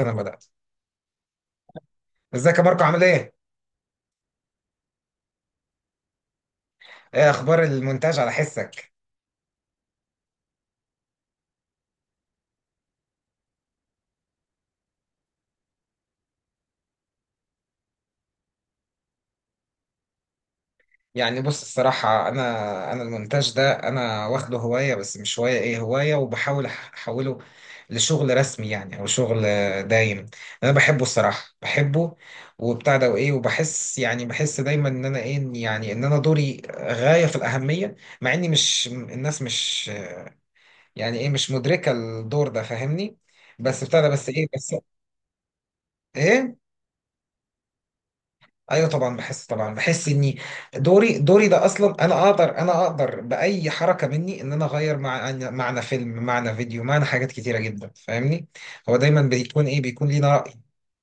انا بدات. ازيك يا ماركو، عامل ايه؟ ايه اخبار المونتاج على حسك؟ يعني بص الصراحه، انا المونتاج ده انا واخده هوايه، بس مش هوايه، ايه هوايه، وبحاول احوله لشغل رسمي، يعني او شغل دايم. انا بحبه الصراحه بحبه. وبتاع ده وايه، وبحس يعني بحس دايما ان انا ايه، يعني ان انا دوري غايه في الاهميه، مع اني مش، الناس مش، يعني ايه، مش مدركه الدور ده فاهمني، بس بتاع ده بس ايه بس ايه. ايوه طبعا بحس، طبعا بحس اني دوري، دوري ده اصلا انا اقدر، باي حركه مني ان انا اغير معنى فيلم، معنى فيديو، معنى حاجات كتيره جدا فاهمني. هو دايما بيكون ايه، بيكون لينا راي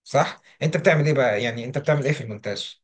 صح. انت بتعمل ايه بقى، يعني انت بتعمل ايه في المونتاج؟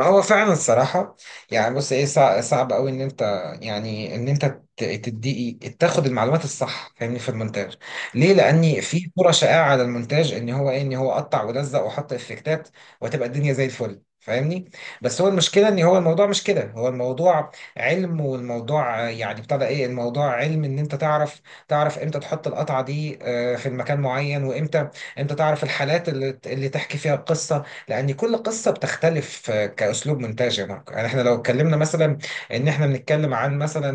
هو فعلا الصراحة. يعني بص ايه، صعب قوي ان انت، يعني ان انت تدي، تاخد المعلومات الصح فاهمني في المونتاج. ليه؟ لاني في صورة شائعة على المونتاج، ان هو ايه، ان هو قطع ولزق وحط افكتات، وتبقى الدنيا زي الفل فاهمني. بس هو المشكلة ان هو الموضوع مش كده، هو الموضوع علم، والموضوع يعني بتاع ده ايه، الموضوع علم ان انت تعرف، تعرف امتى تحط القطعة دي، في المكان معين، وامتى، امتى تعرف الحالات اللي تحكي فيها القصة. لان كل قصه بتختلف كاسلوب مونتاج يا ماركو، يعني احنا لو اتكلمنا مثلا ان احنا بنتكلم عن مثلا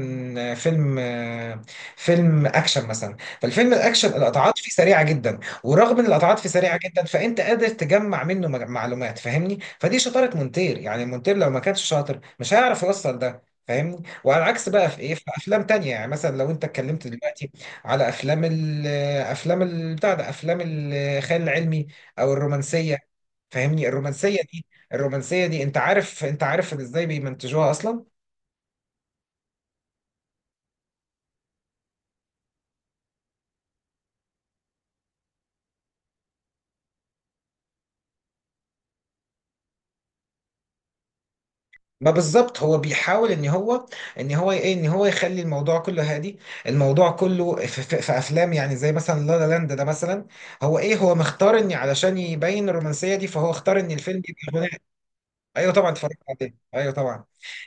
فيلم، فيلم اكشن مثلا، فالفيلم الاكشن القطعات فيه سريعه جدا. ورغم ان القطعات فيه سريعه جدا، فانت قادر تجمع منه معلومات فاهمني، فدي شطاره مونتير، يعني مونتير لو ما كانش شاطر مش هيعرف يوصل ده. فاهمني، وعلى العكس بقى في ايه، في افلام تانية، يعني مثلا لو انت اتكلمت دلوقتي على افلام ال، بتاع ده افلام الخيال العلمي، او الرومانسيه فاهمني. الرومانسيه دي، الرومانسيه دي انت عارف، انت عارف ازاي بيمنتجوها اصلا. ما بالظبط، هو بيحاول ان هو، ان هو ايه، ان هو يخلي الموضوع كله هادي. الموضوع كله في افلام، يعني زي مثلا لا لا لاند ده مثلا. هو ايه، هو مختار ان علشان يبين الرومانسيه دي، فهو اختار ان الفيلم يبقى غنائي. ايوه طبعا اتفرجت عليه، ايوه طبعا.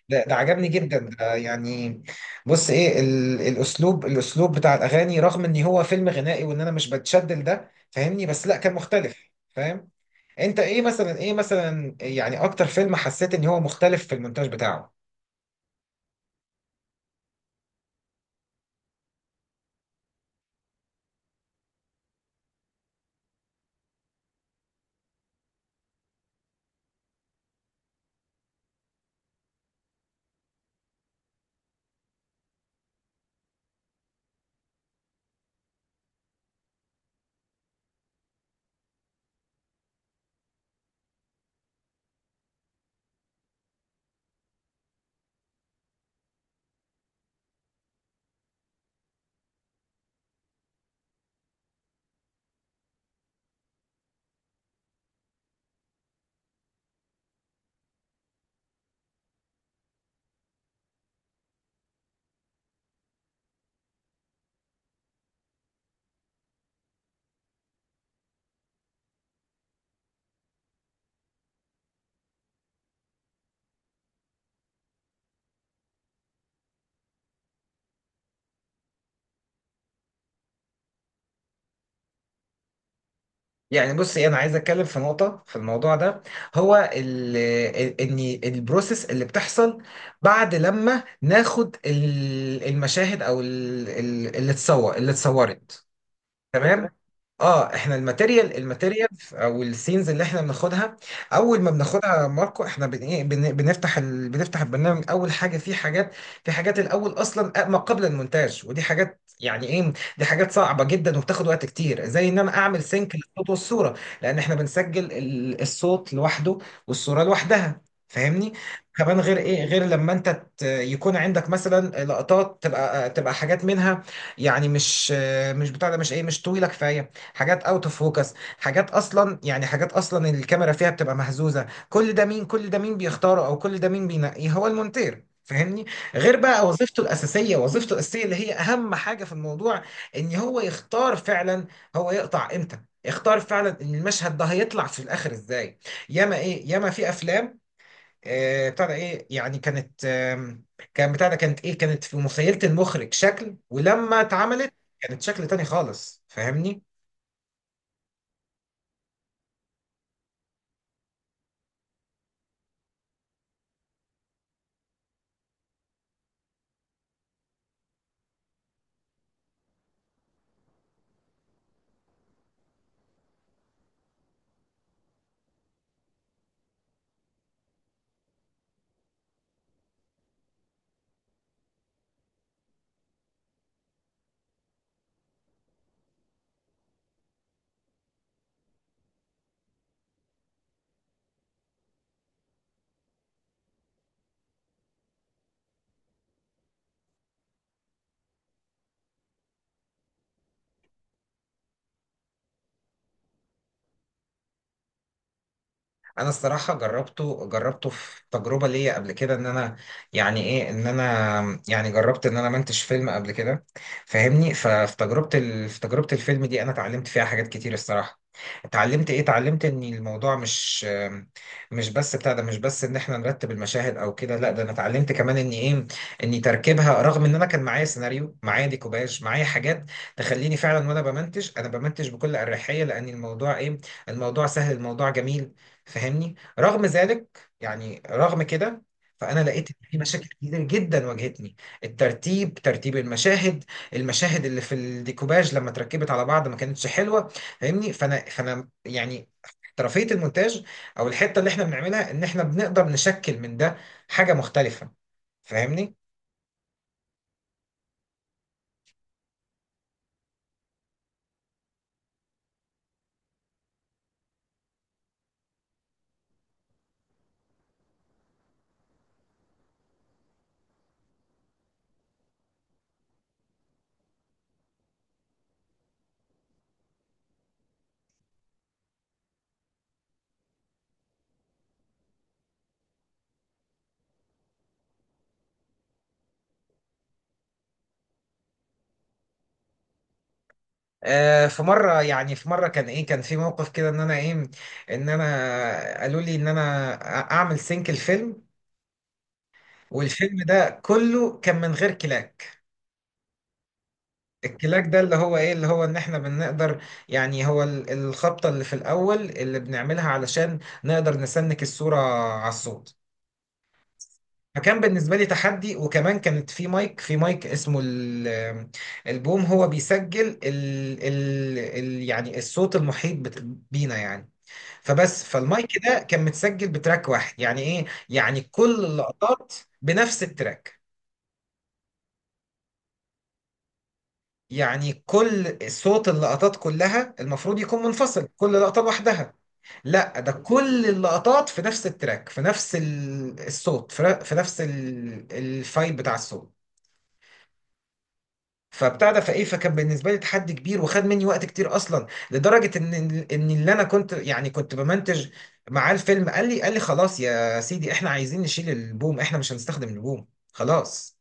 ده عجبني جدا ده يعني. بص ايه، ال الاسلوب الاسلوب بتاع الاغاني، رغم ان هو فيلم غنائي وان انا مش بتشدل ده فاهمني، بس لا كان مختلف فاهم. انت ايه مثلا، ايه مثلا، يعني اكتر فيلم حسيت ان هو مختلف في المونتاج بتاعه؟ يعني بص ايه، انا عايز اتكلم في نقطة في الموضوع ده. هو ال، ان البروسيس اللي بتحصل بعد لما ناخد المشاهد، او اللي اتصور اللي اتصورت، تمام. اه، احنا الماتيريال، الماتيريال او السينز اللي احنا بناخدها. اول ما بناخدها يا ماركو، احنا بنفتح البرنامج، اول حاجه في حاجات. في حاجات الاول اصلا ما قبل المونتاج، ودي حاجات يعني ايه، دي حاجات صعبه جدا، وبتاخد وقت كتير، زي ان انا اعمل سينك للصوت والصوره. لان احنا بنسجل الصوت لوحده، والصوره لوحدها فاهمني. كمان غير ايه، غير لما انت يكون عندك مثلا لقطات، تبقى حاجات منها. يعني مش، مش بتاع ده، مش ايه، مش طويله كفايه، حاجات اوت اوف فوكس، حاجات اصلا يعني، حاجات اصلا الكاميرا فيها بتبقى مهزوزه. كل ده مين بيختاره، او كل ده مين بينقيه؟ هو المونتير فاهمني. غير بقى وظيفته الاساسيه، وظيفته الاساسيه اللي هي اهم حاجه في الموضوع. ان هو يختار فعلا، هو يقطع امتى، يختار فعلا ان المشهد ده هيطلع في الاخر ازاي. ياما ايه، ياما في افلام بتاع ده ايه يعني، كانت، كان بتاع ده كانت ايه، كانت في مخيلة المخرج شكل، ولما اتعملت كانت شكل تاني خالص فاهمني. انا الصراحه جربته، جربته في تجربه ليا قبل كده، ان انا يعني ايه، ان انا يعني جربت ان انا منتج فيلم قبل كده فاهمني. في تجربه الفيلم دي انا اتعلمت فيها حاجات كتير الصراحه. اتعلمت ايه، اتعلمت ان الموضوع مش، مش بس بتاع ده، مش بس ان احنا نرتب المشاهد او كده، لا ده انا اتعلمت كمان ان ايه، ان تركيبها، رغم ان انا كان معايا سيناريو، معايا ديكوباج، معايا حاجات تخليني فعلا وانا بمنتج، انا بمنتج بكل اريحيه، لان الموضوع ايه، الموضوع سهل، الموضوع جميل فاهمني. رغم ذلك يعني، رغم كده، فانا لقيت ان في مشاكل كتير جدا واجهتني. الترتيب، ترتيب المشاهد، المشاهد اللي في الديكوباج لما اتركبت على بعض ما كانتش حلوه فاهمني. فانا يعني احترافيه المونتاج، او الحته اللي احنا بنعملها ان احنا بنقدر نشكل من ده حاجه مختلفه فاهمني. في مره، يعني في مره كان ايه، كان في موقف كده ان انا ايه، ان انا قالوا لي ان انا اعمل سينك الفيلم. والفيلم ده كله كان من غير كلاك. الكلاك ده اللي هو ايه، اللي هو ان احنا بنقدر، يعني هو الخبطة اللي في الاول اللي بنعملها علشان نقدر نسنك الصورة على الصوت. فكان بالنسبة لي تحدي، وكمان كانت في مايك، في مايك اسمه البوم، هو بيسجل ال يعني الصوت المحيط بينا يعني. فبس، فالمايك ده كان متسجل بتراك واحد، يعني ايه، يعني كل اللقطات بنفس التراك. يعني كل صوت اللقطات كلها المفروض يكون منفصل، كل لقطة لوحدها. لا، ده كل اللقطات في نفس التراك، في نفس الصوت، في نفس الفايل بتاع الصوت. فبتاع ده، فايه، فكان بالنسبه لي تحدي كبير، وخد مني وقت كتير، اصلا لدرجه ان، ان اللي انا كنت يعني كنت بمنتج معاه الفيلم، قال لي خلاص يا سيدي، احنا عايزين نشيل البوم، احنا مش هنستخدم البوم خلاص،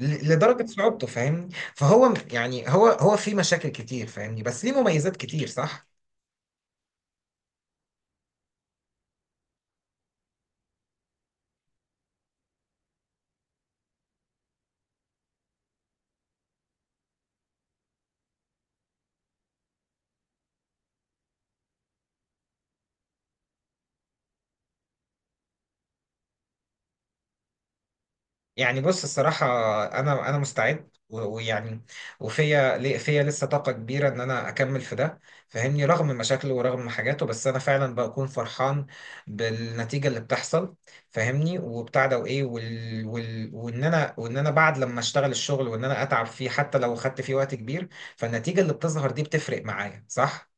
لدرجة صعوبته فاهمني. فهو يعني هو، هو في مشاكل كتير فاهمني، بس ليه مميزات كتير صح. يعني بص الصراحة، أنا مستعد، ويعني، وفيا فيا لسه طاقة كبيرة إن أنا أكمل في ده فاهمني. رغم مشاكله ورغم حاجاته، بس أنا فعلا بكون فرحان بالنتيجة اللي بتحصل فاهمني. وبتاع ده وإيه وإن أنا وإن أنا بعد لما أشتغل الشغل، وإن أنا أتعب فيه حتى لو خدت فيه وقت كبير، فالنتيجة اللي بتظهر دي بتفرق معايا صح.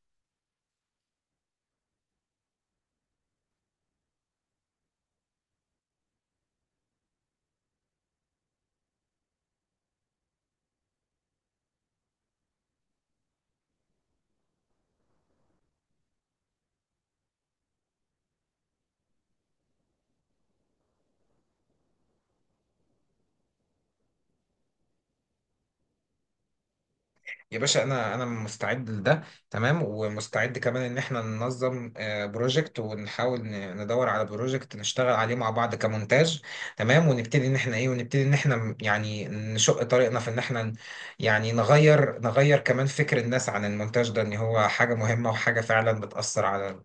يا باشا، انا مستعد لده تمام، ومستعد كمان ان احنا ننظم، بروجكت، ونحاول ندور على بروجكت نشتغل عليه مع بعض كمونتاج تمام. ونبتدي ان احنا ايه، ونبتدي ان احنا يعني نشق طريقنا في ان احنا يعني نغير، نغير كمان فكر الناس عن المونتاج ده، ان هو حاجة مهمة، وحاجة فعلا بتأثر على،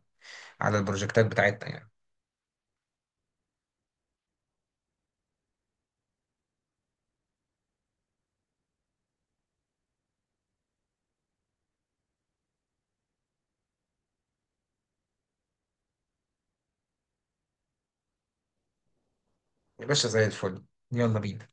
على البروجكتات بتاعتنا يعني. يا باشا زي الفل، يلا بينا.